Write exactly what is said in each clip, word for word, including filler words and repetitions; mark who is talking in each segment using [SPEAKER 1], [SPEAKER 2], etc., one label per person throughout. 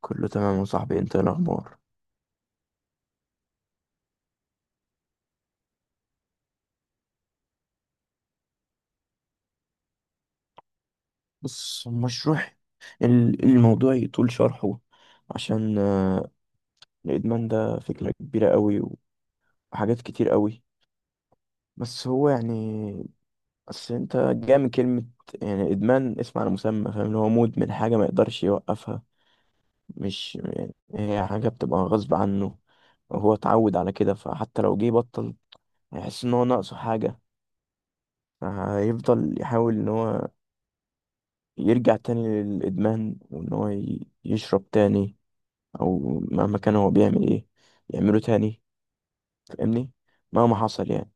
[SPEAKER 1] كله تمام يا صاحبي، انت ايه الاخبار؟ بص المشروع، ال- الموضوع يطول شرحه. عشان آه، الادمان ده فكرة كبيرة قوي وحاجات كتير قوي. بس هو يعني، بس انت جاي من كلمة يعني ادمان اسم على مسمى، فاهم؟ اللي هو مدمن حاجة ما يقدرش يوقفها، مش يعني هي حاجة بتبقى غصب عنه. هو اتعود على كده، فحتى لو جه بطل هيحس ان هو ناقصه حاجة. هيفضل يحاول ان هو يرجع تاني للإدمان، وإن هو ي- يشرب تاني، أو مهما كان هو بيعمل إيه يعمله تاني. فاهمني؟ مهما حصل يعني.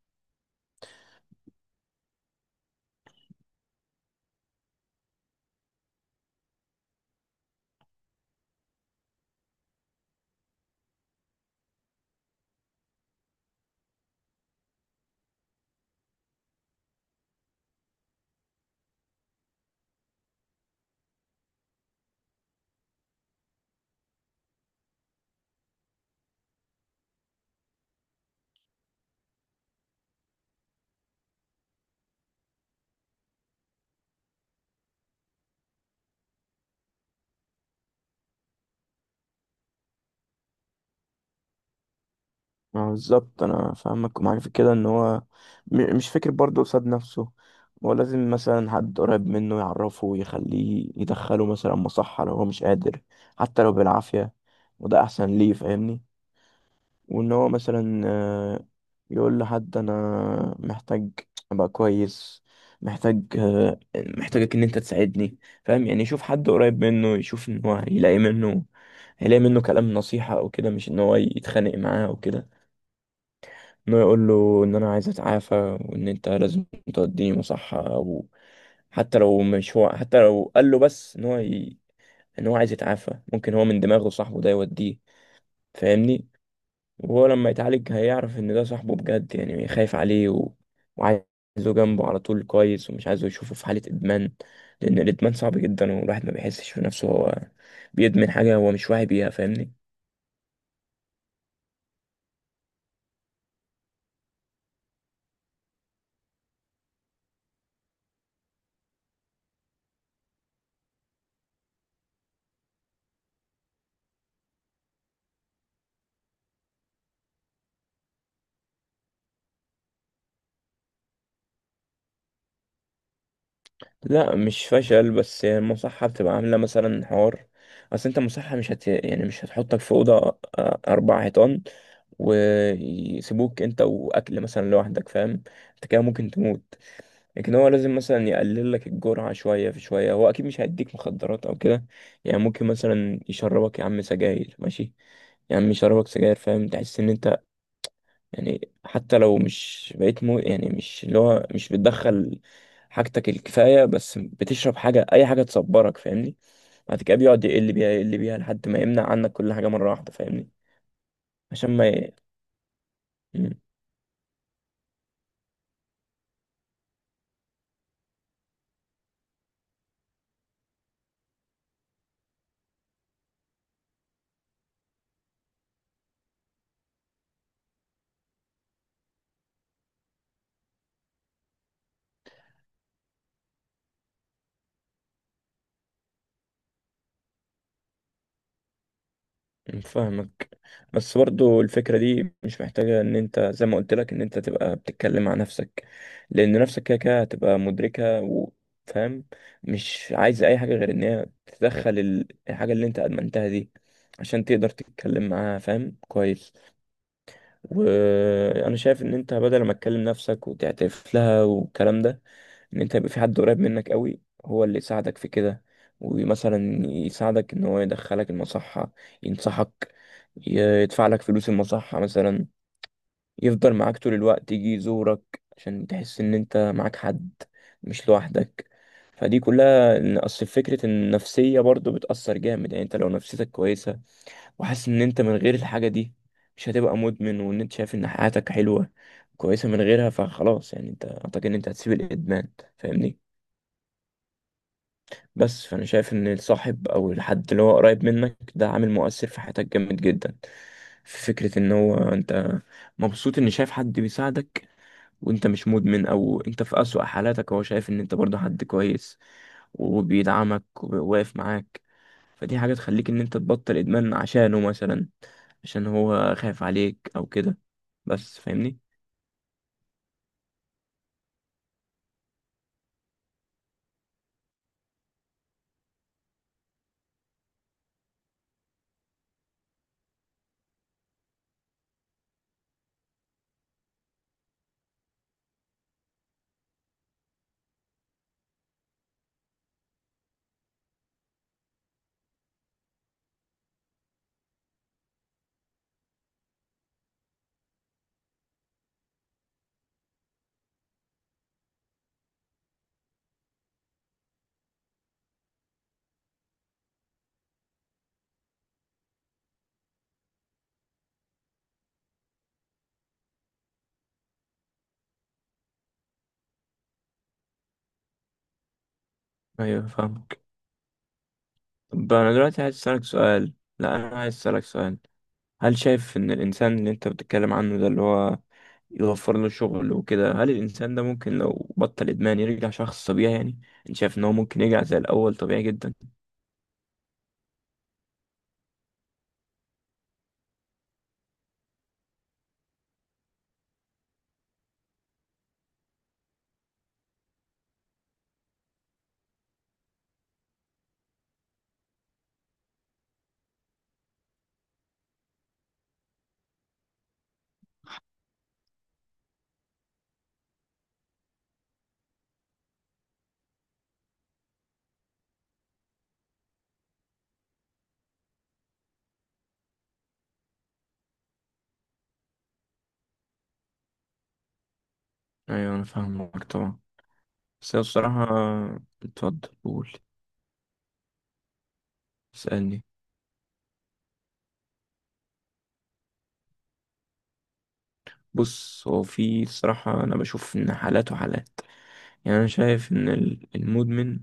[SPEAKER 1] ما هو بالظبط، أنا فاهمك ومعاك في كده. إن هو م- مش فكر برضه قصاد نفسه، هو لازم مثلا حد قريب منه يعرفه ويخليه يدخله مثلا مصحة لو هو مش قادر، حتى لو بالعافية، وده أحسن ليه. فاهمني؟ وان هو مثلا آه، يقول لحد انا محتاج ابقى كويس، محتاج آه، محتاجك ان انت تساعدني. فاهم يعني؟ يشوف حد قريب منه، يشوف ان هو هيلاقي منه، هيلاقي منه كلام نصيحة او كده، مش ان هو يتخانق معاه او كده. ان هو يقول له ان انا عايز اتعافى، وان انت لازم توديني مصحة، او حتى لو مش هو، حتى لو قال له بس ان هو ي... ان هو عايز يتعافى، ممكن هو من دماغه صاحبه ده يوديه. فاهمني؟ وهو لما يتعالج هيعرف ان ده صاحبه بجد، يعني خايف عليه و... وعايزه جنبه على طول، كويس، ومش عايزه يشوفه في حالة ادمان. لان الادمان صعب جدا، والواحد ما بيحسش في نفسه هو بيدمن حاجة، هو مش واعي بيها. فاهمني؟ لا مش فشل، بس هي المصحة بتبقى عاملة مثلا حوار. اصل انت مصحة مش هت يعني مش هتحطك في أوضة آه، أربع حيطان ويسيبوك انت وأكل مثلا لوحدك، فاهم؟ انت كده ممكن تموت. لكن هو لازم مثلا يقلل لك الجرعة شوية في شوية، هو أكيد مش هيديك مخدرات أو كده. يعني ممكن مثلا يشربك يا عم سجاير، ماشي؟ يا عم يشربك سجاير فاهم، تحس إن أنت يعني حتى لو مش بقيت مو يعني مش اللي هو مش بتدخل حاجتك الكفاية، بس بتشرب حاجة، أي حاجة تصبرك، فاهمني؟ بعد كده بيقعد يقل بيها يقل بيها لحد ما يمنع عنك كل حاجة مرة واحدة، فاهمني؟ عشان ما ي... فاهمك. بس برضو الفكرة دي مش محتاجة ان انت زي ما قلت لك ان انت تبقى بتتكلم مع نفسك، لان نفسك كده كده هتبقى مدركة وفاهم، مش عايزة اي حاجة غير ان هي تدخل الحاجة اللي انت ادمنتها دي عشان تقدر تتكلم معاها، فاهم؟ كويس. وانا شايف ان انت بدل ما تكلم نفسك وتعترف لها والكلام ده، ان انت يبقى في حد قريب منك قوي هو اللي يساعدك في كده، ومثلا يساعدك ان هو يدخلك المصحة، ينصحك، ي- يدفع لك فلوس المصحة مثلا، يفضل معاك طول الوقت، يجي يزورك عشان تحس ان انت معاك حد، مش لوحدك. فدي كلها إن اصل فكرة النفسية برضو بتأثر جامد. يعني انت لو نفسيتك كويسة، وحاسس ان انت من غير الحاجة دي مش هتبقى مدمن، وان انت شايف ان حياتك حلوة كويسة من غيرها، فخلاص يعني انت اعتقد ان انت هتسيب الادمان، فاهمني؟ بس فانا شايف ان الصاحب او الحد اللي هو قريب منك ده عامل مؤثر في حياتك جامد جدا. في فكرة ان هو انت مبسوط ان شايف حد بيساعدك وانت مش مدمن، او انت في اسوأ حالاتك هو شايف ان انت برضه حد كويس وبيدعمك وواقف معاك. فدي حاجة تخليك ان انت تبطل ادمان عشانه مثلا، عشان هو خايف عليك او كده، بس فاهمني؟ ايوه فاهمك. طب انا دلوقتي عايز اسألك سؤال. لا انا عايز اسألك سؤال. هل شايف ان الانسان اللي انت بتتكلم عنه ده، اللي هو يوفر له شغل وكده، هل الانسان ده ممكن لو بطل ادمان يرجع شخص طبيعي؟ يعني انت شايف ان هو ممكن يرجع زي الاول طبيعي جدا؟ ايوه انا فاهمك طبعا. بس هي الصراحة، اتفضل قول. اسألني. بص، هو في الصراحة انا بشوف ان حالات وحالات. يعني انا شايف ان ال- المدمن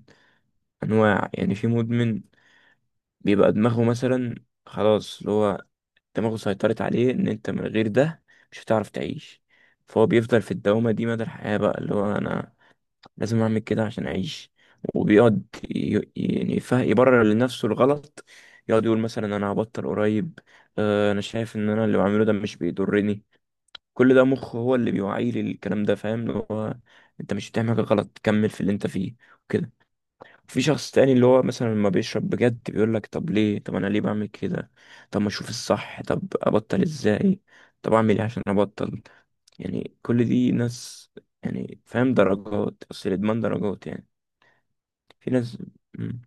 [SPEAKER 1] انواع. يعني في مدمن بيبقى دماغه مثلا خلاص، اللي هو دماغه سيطرت عليه ان انت من غير ده مش هتعرف تعيش، فهو بيفضل في الدوامة دي مدى الحياة بقى، اللي هو انا لازم اعمل كده عشان اعيش. وبيقعد ي- يعني فا يبرر لنفسه الغلط، يقعد يقول مثلا انا هبطل قريب، آه، انا شايف ان انا اللي بعمله ده مش بيضرني. كل ده مخه هو اللي بيوعيه للكلام ده، فاهم؟ اللي هو انت مش بتعمل حاجه غلط، كمل في اللي انت فيه وكده. في شخص تاني اللي هو مثلا لما بيشرب بجد بيقول لك طب ليه؟ طب انا ليه بعمل كده؟ طب ما اشوف الصح، طب ابطل ازاي؟ طب اعمل ايه عشان ابطل؟ يعني كل دي ناس، يعني فاهم؟ درجات، اصل الادمان درجات يعني. في ناس. مم.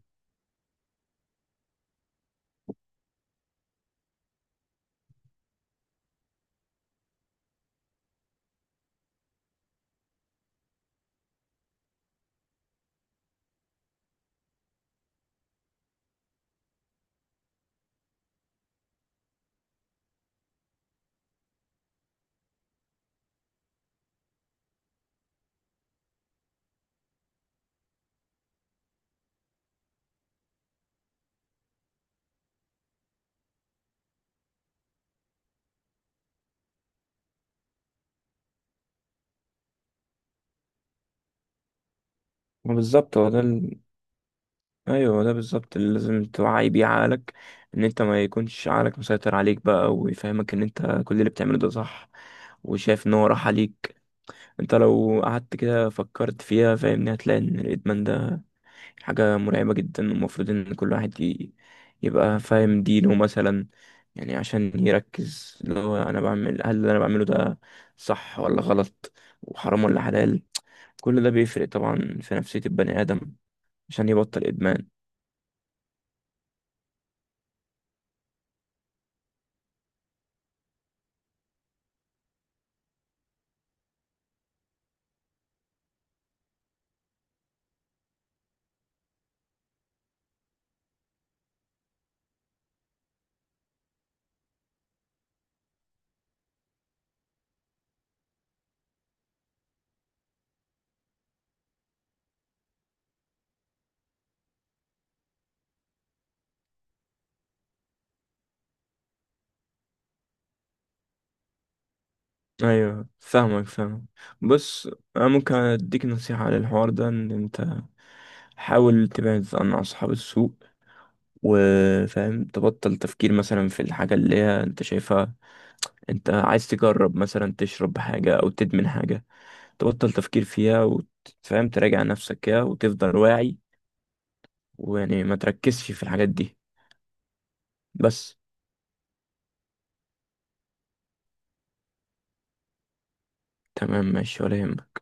[SPEAKER 1] ما بالظبط، هو ده ال... ايوه هو ده بالظبط اللي لازم توعي بيه عقلك. ان انت ما يكونش عقلك مسيطر عليك بقى ويفهمك ان انت كل اللي بتعمله ده صح، وشايف ان هو راح عليك. انت لو قعدت كده فكرت فيها، فاهمني، هتلاقي ان الادمان ده حاجة مرعبة جدا. ومفروض ان كل واحد ي... يبقى فاهم دينه مثلا، يعني عشان يركز اللي هو انا بعمل، هل اللي انا بعمله ده صح ولا غلط؟ وحرام ولا حلال؟ كل ده بيفرق طبعا في نفسية البني آدم عشان يبطل إدمان. أيوه فاهمك فاهمك. بص، أنا ممكن أديك نصيحة على الحوار ده. إن أنت حاول تبعد عن أصحاب السوء، وفاهم تبطل تفكير مثلا في الحاجة اللي هي أنت شايفها. أنت عايز تجرب مثلا تشرب حاجة أو تدمن حاجة، تبطل تفكير فيها وتفهم تراجع نفسك كده وتفضل واعي، ويعني ما تركزش في الحاجات دي بس. تمام ماشي، ولا يهمك.